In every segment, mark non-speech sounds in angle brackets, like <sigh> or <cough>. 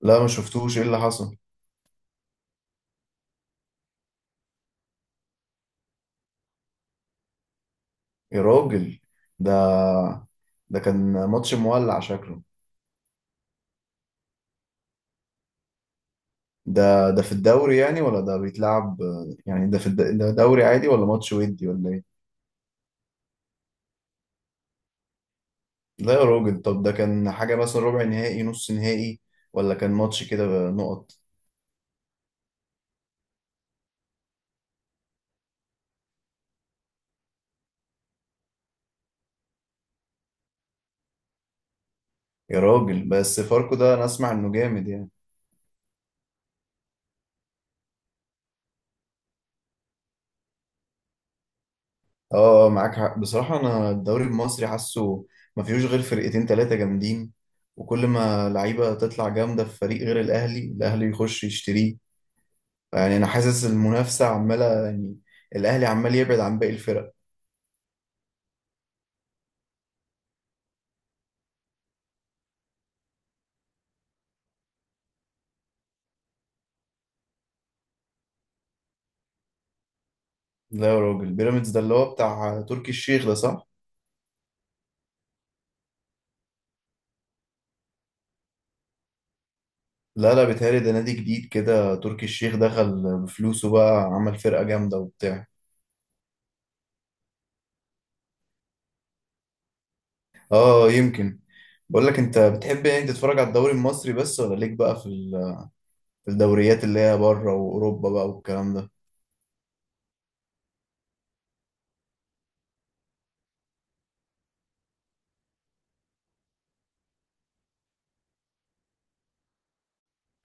لا، ما شفتوش ايه اللي حصل. يا راجل، ده ده كان ماتش مولع شكله. ده في الدوري يعني، ولا ده بيتلعب يعني؟ ده دوري عادي ولا ماتش ودي ولا ايه؟ لا يا راجل، طب ده كان حاجة مثلا ربع نهائي، نص نهائي، ولا كان ماتش كده نقط؟ يا راجل، بس فاركو ده انا اسمع انه جامد يعني. اه آه، معاك حق. بصراحة انا الدوري المصري حاسه ما فيهوش غير فرقتين تلاتة جامدين، وكل ما لعيبة تطلع جامدة في فريق غير الأهلي، الأهلي يخش يشتريه. يعني انا حاسس المنافسه عماله يعني الاهلي عمال يبعد عن باقي الفرق. لا يا راجل، بيراميدز ده اللي هو بتاع تركي الشيخ ده، صح؟ لا لا، بيتهيألي ده نادي جديد كده، تركي الشيخ دخل بفلوسه بقى، عمل فرقه جامده وبتاع. اه، يمكن. بقول لك، انت بتحب يعني تتفرج على الدوري المصري بس، ولا ليك بقى في في الدوريات اللي هي بره واوروبا بقى والكلام ده؟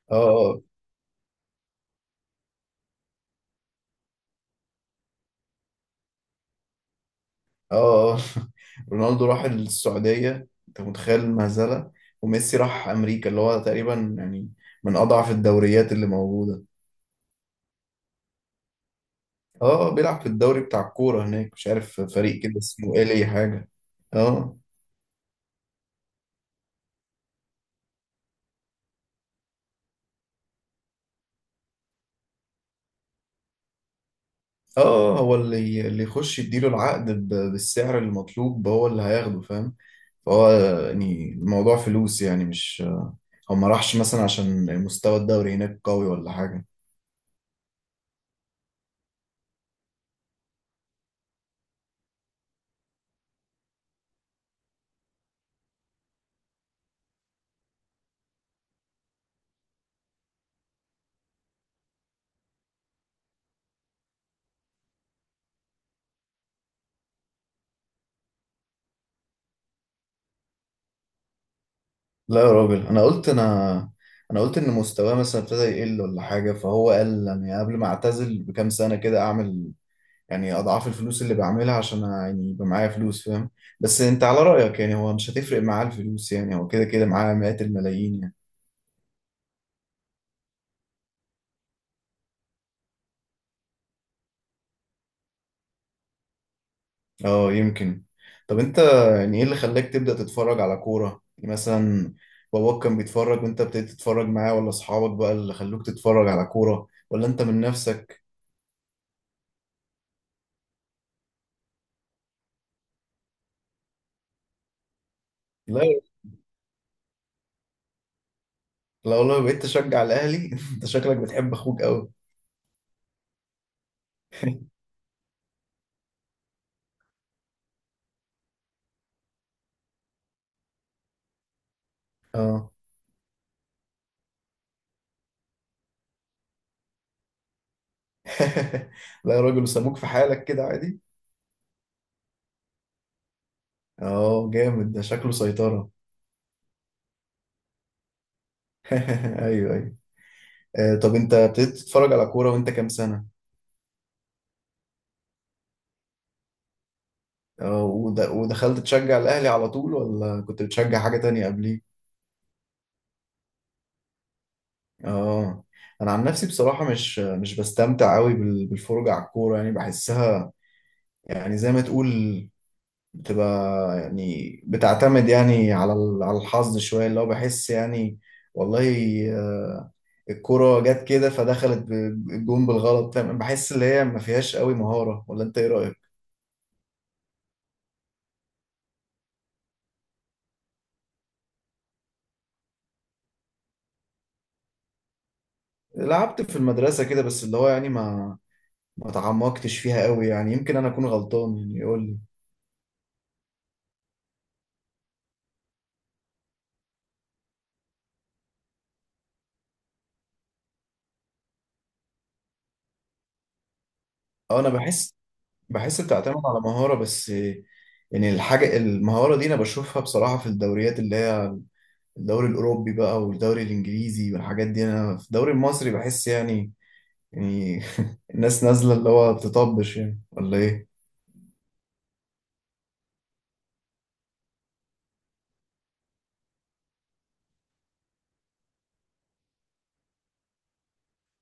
اه آه. اه آه. <laughs> رونالدو راح السعودية، انت متخيل المهزلة؟ وميسي راح امريكا، اللي هو تقريبا يعني من اضعف الدوريات اللي موجودة. اه آه، بيلعب في الدوري بتاع الكورة هناك، مش عارف فريق كده اسمه ايه، ليه حاجة. اه. اه آه، آه، هو اللي يخش يديله العقد بالسعر المطلوب هو اللي هياخده، فاهم؟ فهو يعني الموضوع فلوس يعني، مش هو ما راحش مثلا عشان مستوى الدوري هناك قوي ولا حاجة. لا يا راجل، انا قلت ان مستواه مثلا ابتدى يقل ولا حاجه، فهو قال يعني قبل ما اعتزل بكام سنه كده اعمل يعني اضعاف الفلوس اللي بعملها، عشان يعني يبقى معايا فلوس، فاهم؟ بس انت على رايك يعني هو مش هتفرق معاه الفلوس يعني، هو كده كده معاه مئات الملايين يعني. اه، يمكن. طب انت، يعني ايه اللي خلاك تبدا تتفرج على كوره يعني؟ مثلا باباك كان بيتفرج وانت ابتديت تتفرج معاه، ولا اصحابك بقى اللي خلوك تتفرج على كوره، ولا انت من نفسك؟ لا. لو بقيت تشجع الاهلي <laughs> انت شكلك بتحب اخوك قوي. اه. <laughs> لا يا راجل، وسابوك في حالك كده عادي؟ اه، جامد، ده شكله سيطرة. <laughs> ايوه ايوه. آه، طب انت ابتديت تتفرج على كورة وانت كام سنة؟ اه، ودخلت تشجع الاهلي على طول، ولا كنت بتشجع حاجة تانية قبليه؟ اه. انا عن نفسي بصراحة مش بستمتع قوي بالفرجة على الكورة، يعني بحسها يعني زي ما تقول بتبقى يعني بتعتمد يعني على على الحظ شوية، اللي هو بحس يعني والله آه، الكرة جت كده فدخلت الجون بالغلط، فاهم؟ بحس اللي هي ما فيهاش قوي مهارة، ولا انت ايه رأيك؟ لعبت في المدرسة كده بس، اللي هو يعني ما تعمقتش فيها قوي يعني، يمكن انا اكون غلطان يعني، يقول لي. اه انا بحس، بحس بتعتمد على مهارة بس. يعني الحاجة المهارة دي انا بشوفها بصراحة في الدوريات اللي هي الدوري الأوروبي بقى والدوري الإنجليزي والحاجات دي. أنا في الدوري المصري بحس يعني، يعني <laughs> الناس نازلة اللي هو بتطبش يعني، ولا إيه؟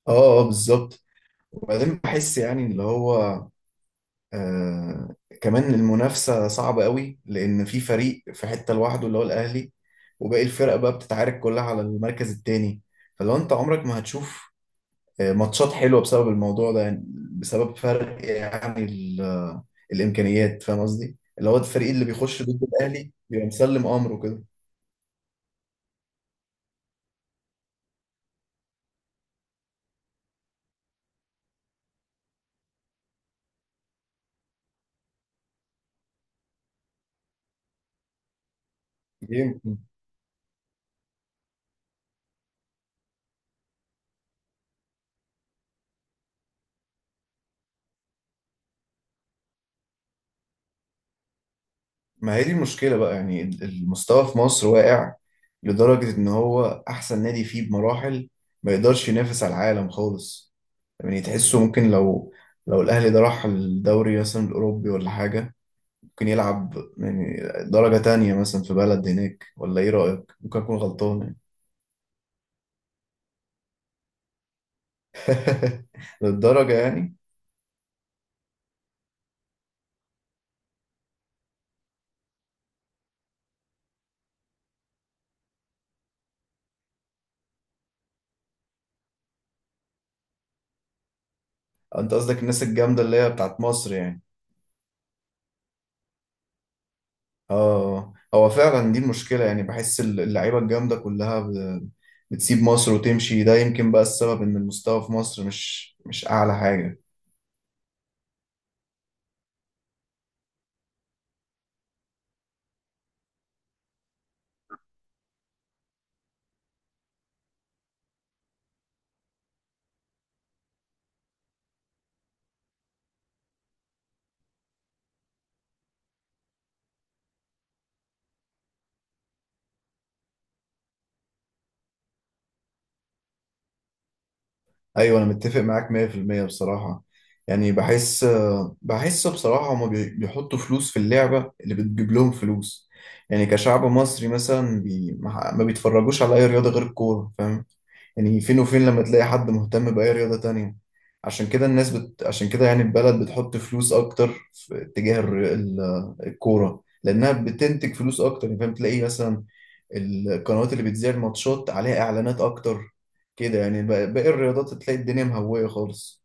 آه آه، بالظبط. وبعدين بحس يعني اللي هو آه كمان المنافسة صعبة قوي، لأن في فريق في حتة لوحده اللي هو الأهلي، وباقي الفرق بقى بتتعارك كلها على المركز التاني. فلو أنت عمرك ما هتشوف ماتشات حلوه بسبب الموضوع ده يعني، بسبب فرق يعني الامكانيات، فاهم قصدي؟ اللي هو الفريق اللي بيخش ضد الاهلي بيبقى مسلم امره كده. يمكن. ما هي دي المشكله بقى يعني، المستوى في مصر واقع لدرجه ان هو احسن نادي فيه بمراحل ما يقدرش ينافس على العالم خالص. يعني تحسه ممكن لو الاهلي ده راح الدوري مثلا الاوروبي ولا حاجه، ممكن يلعب يعني درجه تانية مثلا في بلد هناك، ولا ايه رايك؟ ممكن اكون غلطان. <laughs> للدرجة يعني؟ انت قصدك الناس الجامدة اللي هي بتاعت مصر يعني. اه، هو فعلا دي المشكلة يعني، بحس اللعيبة الجامدة كلها بتسيب مصر وتمشي، ده يمكن بقى السبب ان المستوى في مصر مش اعلى حاجة. ايوه انا متفق معاك 100% بصراحة. يعني بحس، بحس بصراحة هما بيحطوا فلوس في اللعبة اللي بتجيب لهم فلوس. يعني كشعب مصري مثلا، بي ما بيتفرجوش على اي رياضة غير الكورة، فاهم؟ يعني فين وفين لما تلاقي حد مهتم بأي رياضة تانية. عشان كده عشان كده يعني البلد بتحط فلوس أكتر في اتجاه الكورة، لأنها بتنتج فلوس أكتر يعني. فاهم؟ تلاقي مثلا القنوات اللي بتذيع الماتشات عليها إعلانات أكتر كده يعني. باقي الرياضات تلاقي الدنيا مهوية خالص.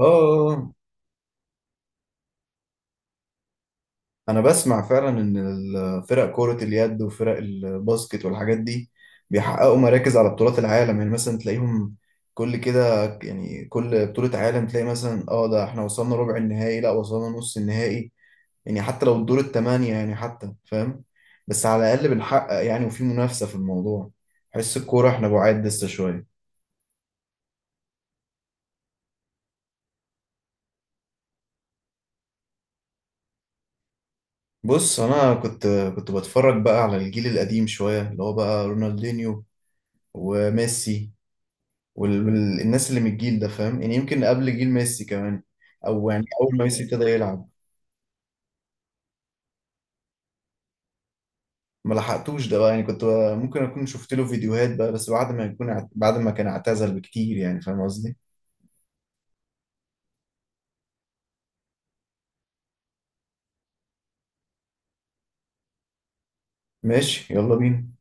آه، انا بسمع فعلا ان الفرق كرة اليد وفرق الباسكت والحاجات دي بيحققوا مراكز على بطولات العالم. يعني مثلا تلاقيهم كل كده يعني، كل بطولة عالم تلاقي مثلا اه ده احنا وصلنا ربع النهائي، لا وصلنا نص النهائي، يعني حتى لو الدور التمانية يعني، حتى فاهم؟ بس على الأقل بنحقق يعني، وفي منافسة في الموضوع. حس الكورة احنا بعاد لسه شوية. بص أنا كنت بتفرج بقى على الجيل القديم شوية اللي هو بقى رونالدينيو وميسي والناس اللي من الجيل ده، فاهم يعني؟ يمكن قبل جيل ميسي كمان، او يعني اول ما ميسي ابتدى يلعب. ما لحقتوش ده بقى يعني، كنت بقى ممكن اكون شفت له فيديوهات بقى، بس بعد ما يكون بعد ما كان اعتزل بكتير يعني، فاهم قصدي؟ ماشي، يلا بينا.